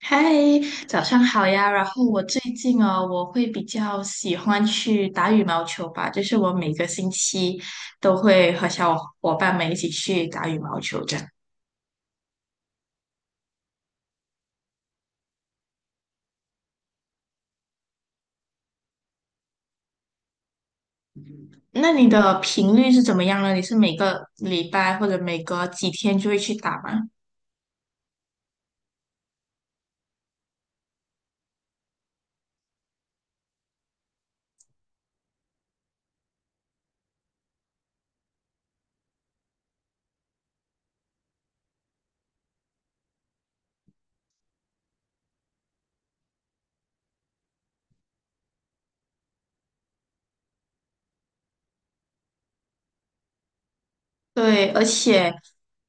嗨，早上好呀。然后我最近哦，我会比较喜欢去打羽毛球吧，就是我每个星期都会和小伙伴们一起去打羽毛球这样。那你的频率是怎么样呢？你是每个礼拜或者每隔几天就会去打吗？对，而且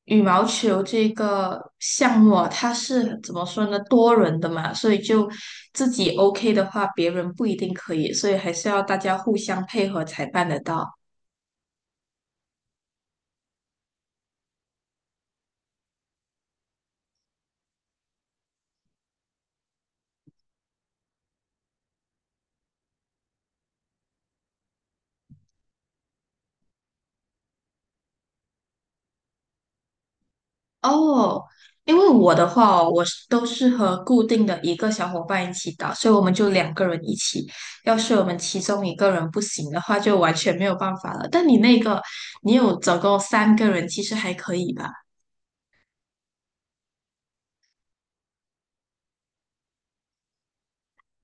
羽毛球这个项目啊，它是怎么说呢？多人的嘛，所以就自己 OK 的话，别人不一定可以，所以还是要大家互相配合才办得到。哦，因为我的话哦我是都是和固定的一个小伙伴一起打，所以我们就两个人一起。要是我们其中一个人不行的话，就完全没有办法了。但你那个，你有总共三个人，其实还可以吧？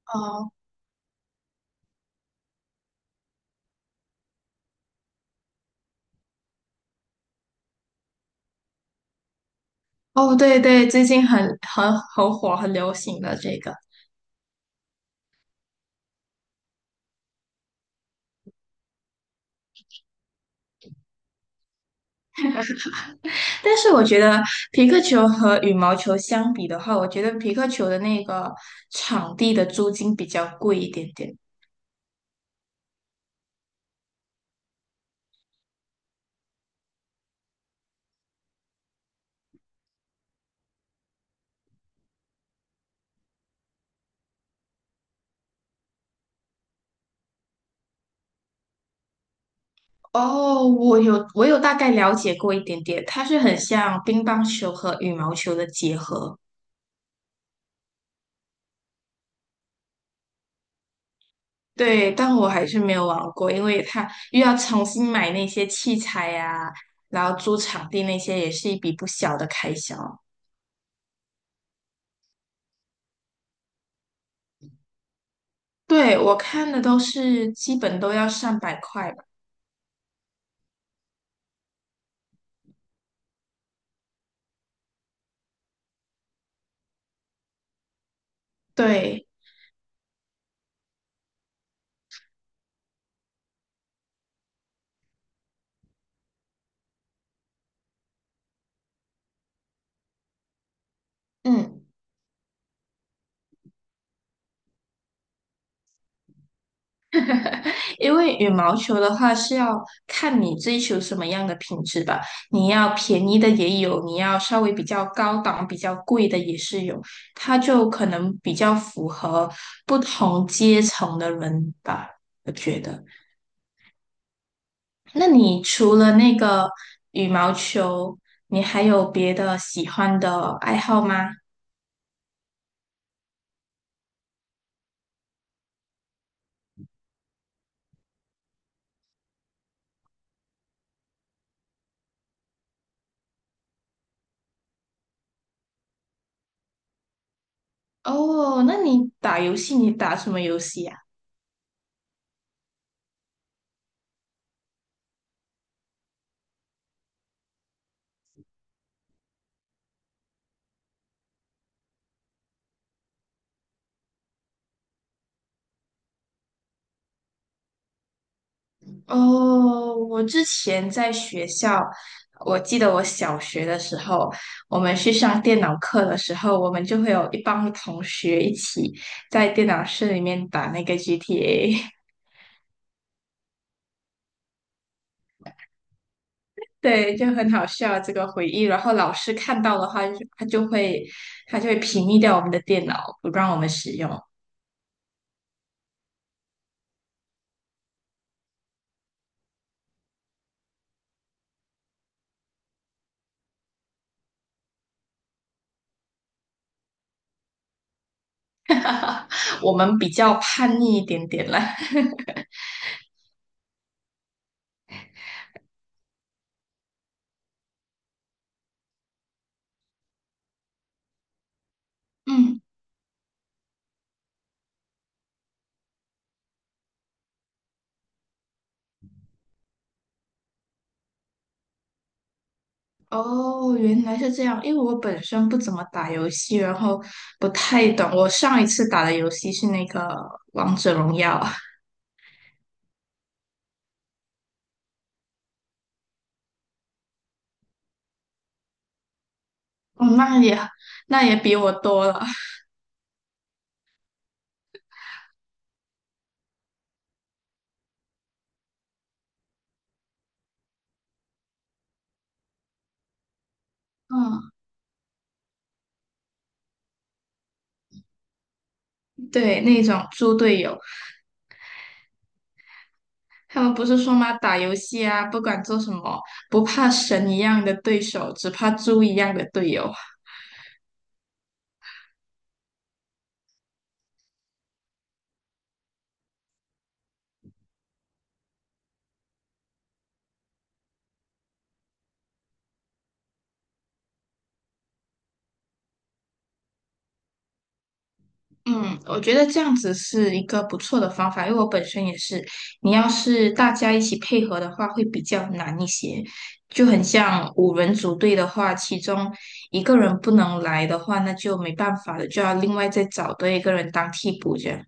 哦哦，对对，最近很很火，很流行的这个。但是我觉得皮克球和羽毛球相比的话，我觉得皮克球的那个场地的租金比较贵一点点。哦，我有大概了解过一点点，它是很像乒乓球和羽毛球的结合。对，但我还是没有玩过，因为它又要重新买那些器材呀、然后租场地那些也是一笔不小的开销。对，我看的都是基本都要上百块吧。对，嗯。因为羽毛球的话是要看你追求什么样的品质吧，你要便宜的也有，你要稍微比较高档、比较贵的也是有，它就可能比较符合不同阶层的人吧，我觉得。那你除了那个羽毛球，你还有别的喜欢的爱好吗？哦，那你打游戏，你打什么游戏呀？哦，我之前在学校，我记得我小学的时候，我们去上电脑课的时候，我们就会有一帮同学一起在电脑室里面打那个 GTA，对，就很好笑这个回忆。然后老师看到的话，就他就会他就会屏蔽掉我们的电脑，不让我们使用。我们比较叛逆一点点啦。嗯。哦，原来是这样。因为我本身不怎么打游戏，然后不太懂。我上一次打的游戏是那个《王者荣耀》。哦，那也比我多了。嗯，对，那种猪队友。他们不是说吗？打游戏啊，不管做什么，不怕神一样的对手，只怕猪一样的队友。嗯，我觉得这样子是一个不错的方法，因为我本身也是，你要是大家一起配合的话，会比较难一些。就很像五人组队的话，其中一个人不能来的话，那就没办法了，就要另外再找多一个人当替补这样。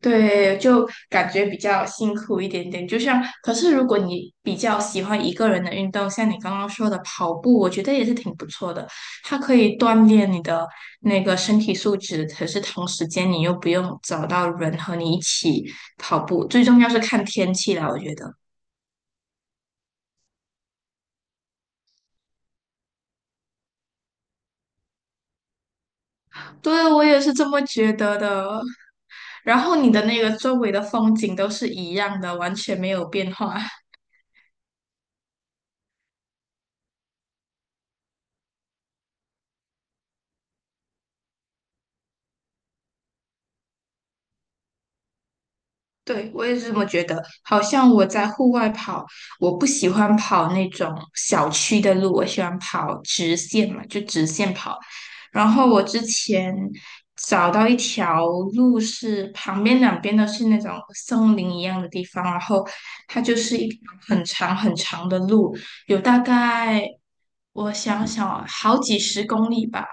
对，就感觉比较辛苦一点点。就像，可是如果你比较喜欢一个人的运动，像你刚刚说的跑步，我觉得也是挺不错的。它可以锻炼你的那个身体素质，可是同时间你又不用找到人和你一起跑步。最重要是看天气啦，我觉得。对，我也是这么觉得的。然后你的那个周围的风景都是一样的，完全没有变化。对，我也是这么觉得。好像我在户外跑，我不喜欢跑那种小区的路，我喜欢跑直线嘛，就直线跑。然后我之前找到一条路是旁边两边都是那种森林一样的地方，然后它就是一条很长很长的路，有大概我想想啊好几十公里吧。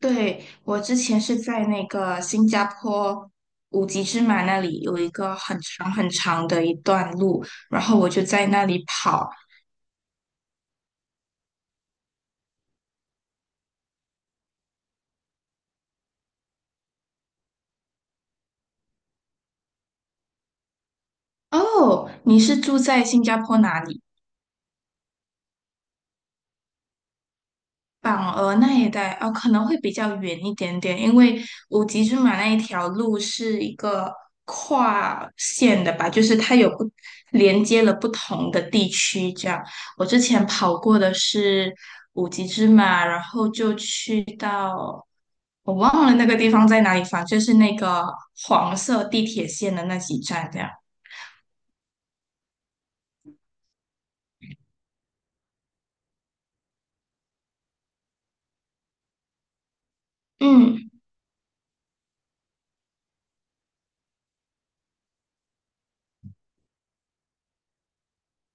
对，我之前是在那个新加坡五级芝马那里有一个很长很长的一段路，然后我就在那里跑。哦，你是住在新加坡哪里？榜鹅那一带哦，可能会比较远一点点，因为五级芝马那一条路是一个跨线的吧，就是它有不连接了不同的地区这样。我之前跑过的是五级芝马，然后就去到。我忘了那个地方在哪里，反正就是那个黄色地铁线的那几站这样。嗯，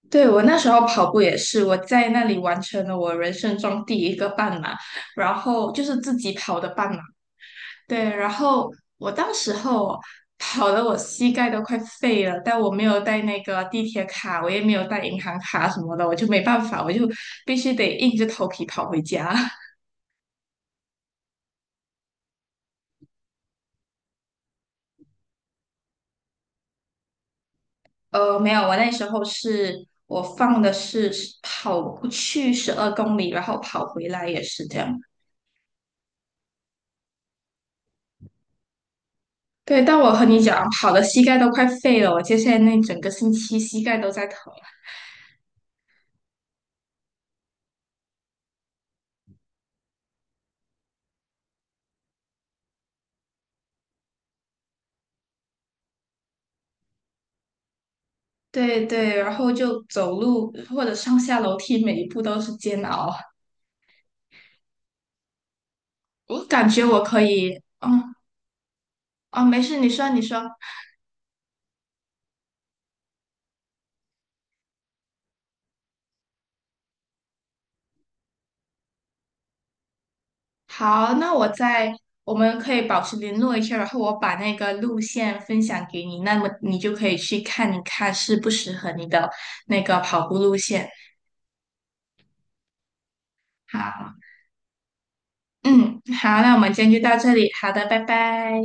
对，我那时候跑步也是，我在那里完成了我人生中第一个半马，然后就是自己跑的半马。对，然后我当时候跑的我膝盖都快废了，但我没有带那个地铁卡，我也没有带银行卡什么的，我就没办法，我就必须得硬着头皮跑回家。没有，我那时候是我放的是跑去12公里，然后跑回来也是这样。对，但我和你讲，跑的膝盖都快废了，我接下来那整个星期膝盖都在疼。对对，然后就走路或者上下楼梯，每一步都是煎熬。我感觉我可以，嗯。啊，没事，你说你说。好，那我在，我们可以保持联络一下，然后我把那个路线分享给你，那么你就可以去看一看适不适合你的那个跑步路线。好，嗯，好，那我们今天就到这里，好的，拜拜。